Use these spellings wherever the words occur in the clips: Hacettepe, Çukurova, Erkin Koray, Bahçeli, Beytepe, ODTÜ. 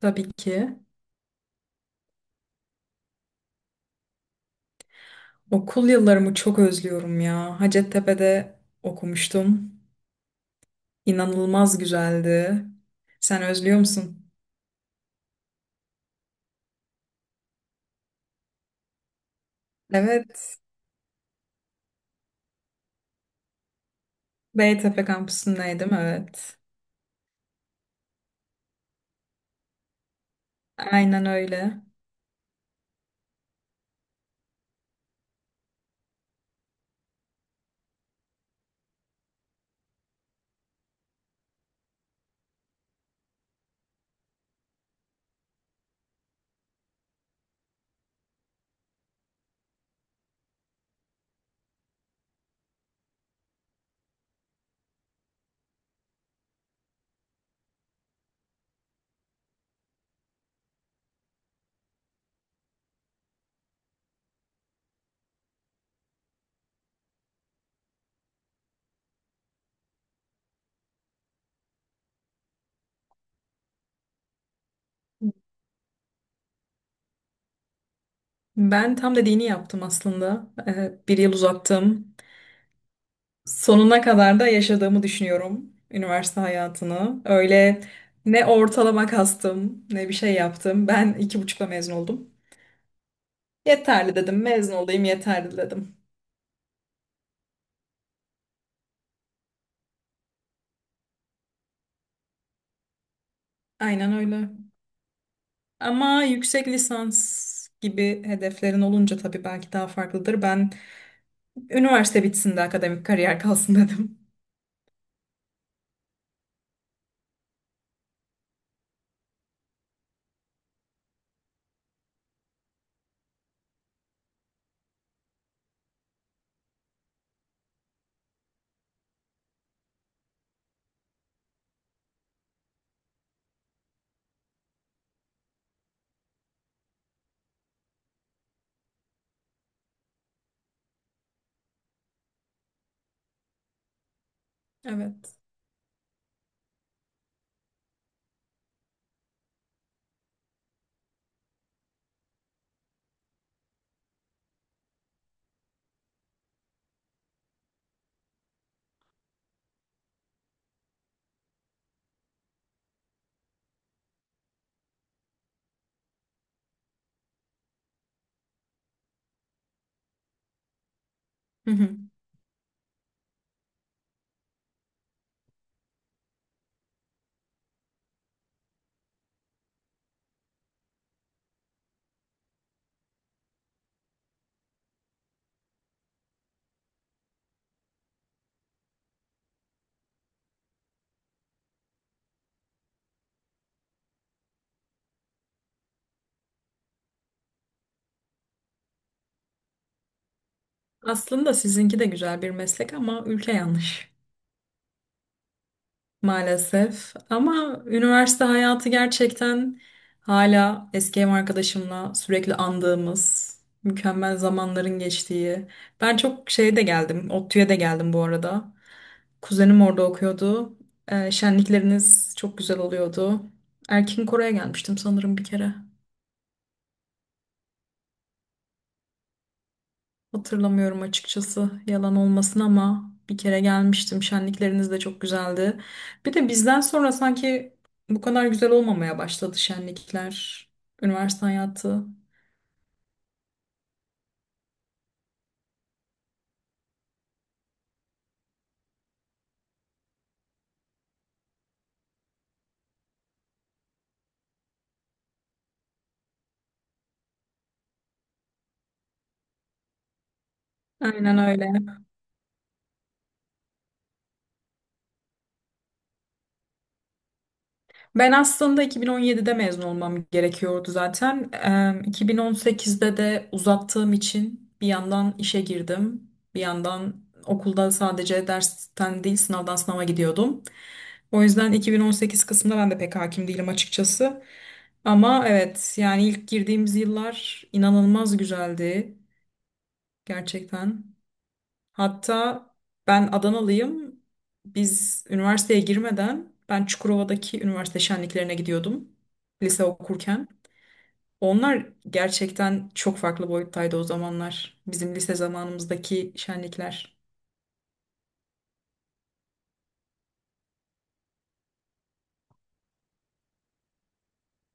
Tabii ki. Okul yıllarımı çok özlüyorum ya. Hacettepe'de okumuştum. İnanılmaz güzeldi. Sen özlüyor musun? Evet. Beytepe kampüsündeydim, evet. Aynen öyle. Ben tam dediğini yaptım aslında. Bir yıl uzattım. Sonuna kadar da yaşadığımı düşünüyorum üniversite hayatını. Öyle ne ortalama kastım, ne bir şey yaptım. Ben iki buçukla mezun oldum. Yeterli dedim, mezun olayım yeterli dedim. Aynen öyle. Ama yüksek lisans gibi hedeflerin olunca tabii belki daha farklıdır. Ben üniversite bitsin de akademik kariyer kalsın dedim. Evet. Hı hı. Aslında sizinki de güzel bir meslek ama ülke yanlış. Maalesef. Ama üniversite hayatı gerçekten hala eski ev arkadaşımla sürekli andığımız, mükemmel zamanların geçtiği. Ben çok şeye de geldim, ODTÜ'ye de geldim bu arada. Kuzenim orada okuyordu. Şenlikleriniz çok güzel oluyordu. Erkin Koray'a gelmiştim sanırım bir kere. Hatırlamıyorum açıkçası yalan olmasın ama bir kere gelmiştim. Şenlikleriniz de çok güzeldi. Bir de bizden sonra sanki bu kadar güzel olmamaya başladı şenlikler, üniversite hayatı. Aynen öyle. Ben aslında 2017'de mezun olmam gerekiyordu zaten. 2018'de de uzattığım için bir yandan işe girdim. Bir yandan okulda sadece dersten değil sınavdan sınava gidiyordum. O yüzden 2018 kısmında ben de pek hakim değilim açıkçası. Ama evet yani ilk girdiğimiz yıllar inanılmaz güzeldi gerçekten. Hatta ben Adanalıyım. Biz üniversiteye girmeden ben Çukurova'daki üniversite şenliklerine gidiyordum lise okurken. Onlar gerçekten çok farklı boyuttaydı o zamanlar. Bizim lise zamanımızdaki şenlikler.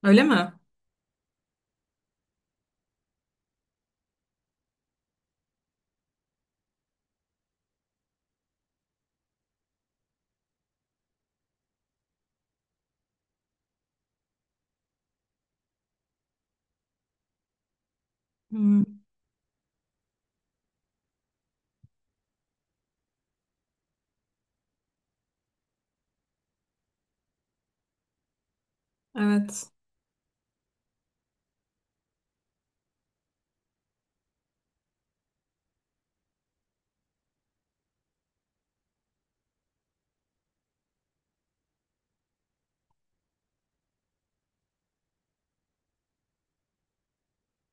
Öyle mi? Hmm, evet.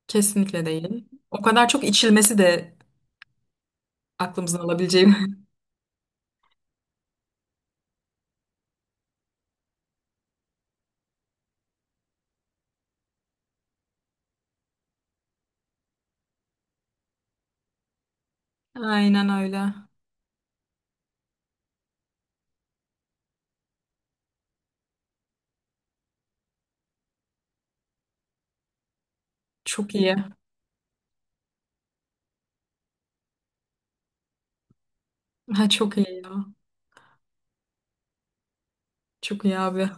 Kesinlikle değil. O kadar çok içilmesi de aklımızın alabileceği. Aynen öyle. Çok iyi. Ha, çok iyi ya. Çok iyi abi.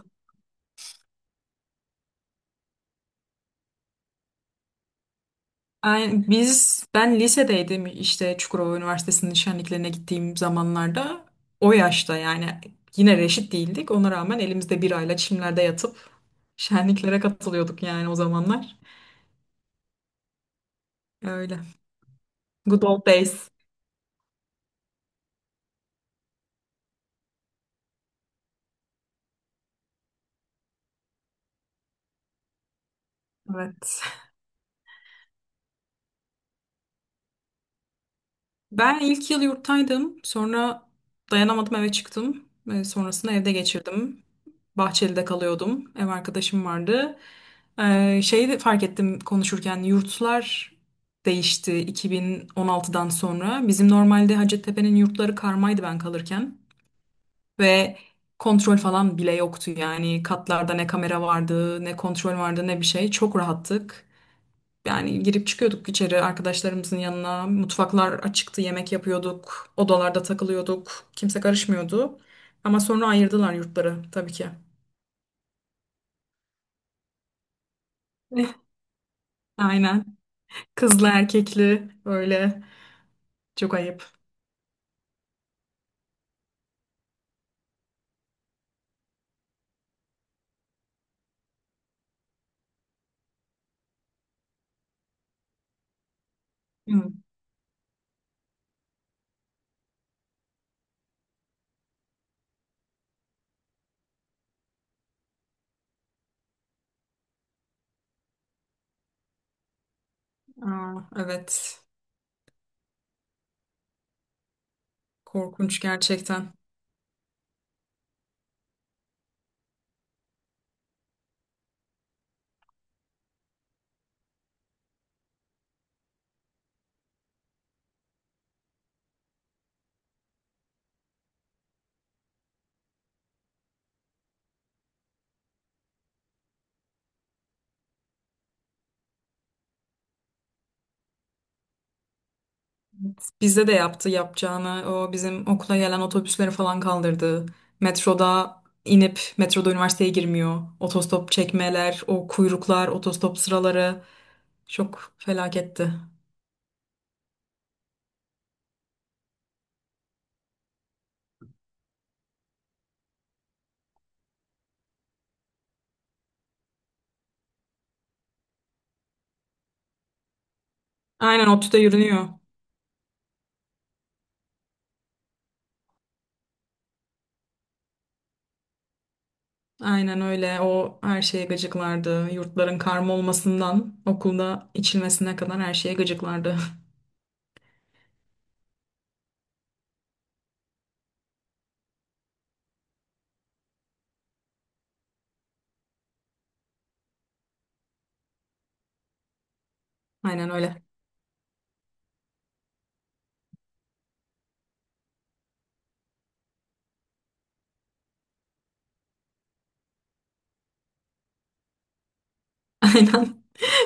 Aynen. Biz, ben lisedeydim işte Çukurova Üniversitesi'nin şenliklerine gittiğim zamanlarda o yaşta yani yine reşit değildik. Ona rağmen elimizde birayla çimlerde yatıp şenliklere katılıyorduk yani o zamanlar. Öyle. Good old days. Evet. Ben ilk yıl yurttaydım. Sonra dayanamadım eve çıktım. Sonrasında evde geçirdim. Bahçeli'de kalıyordum. Ev arkadaşım vardı. Şeyi de fark ettim konuşurken yurtlar değişti 2016'dan sonra. Bizim normalde Hacettepe'nin yurtları karmaydı ben kalırken. Ve kontrol falan bile yoktu yani. Katlarda ne kamera vardı, ne kontrol vardı, ne bir şey. Çok rahattık. Yani girip çıkıyorduk içeri arkadaşlarımızın yanına. Mutfaklar açıktı, yemek yapıyorduk. Odalarda takılıyorduk. Kimse karışmıyordu. Ama sonra ayırdılar yurtları tabii ki. Eh, aynen. Kızlı erkekli öyle. Çok ayıp. Hı. Aa, evet. Korkunç gerçekten. Bizde de yaptı yapacağını. O bizim okula gelen otobüsleri falan kaldırdı. Metroda inip metroda üniversiteye girmiyor. Otostop çekmeler, o kuyruklar, otostop sıraları çok felaketti. Aynen ODTÜ'de yürünüyor. Aynen öyle. O her şeye gıcıklardı. Yurtların karma olmasından okulda içilmesine kadar her şeye gıcıklardı. Aynen öyle. Aynen.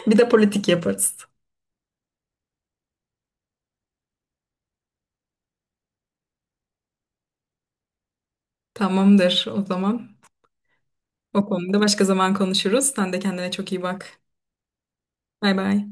Bir de politik yaparız. Tamamdır o zaman. O konuda başka zaman konuşuruz. Sen de kendine çok iyi bak. Bay bay.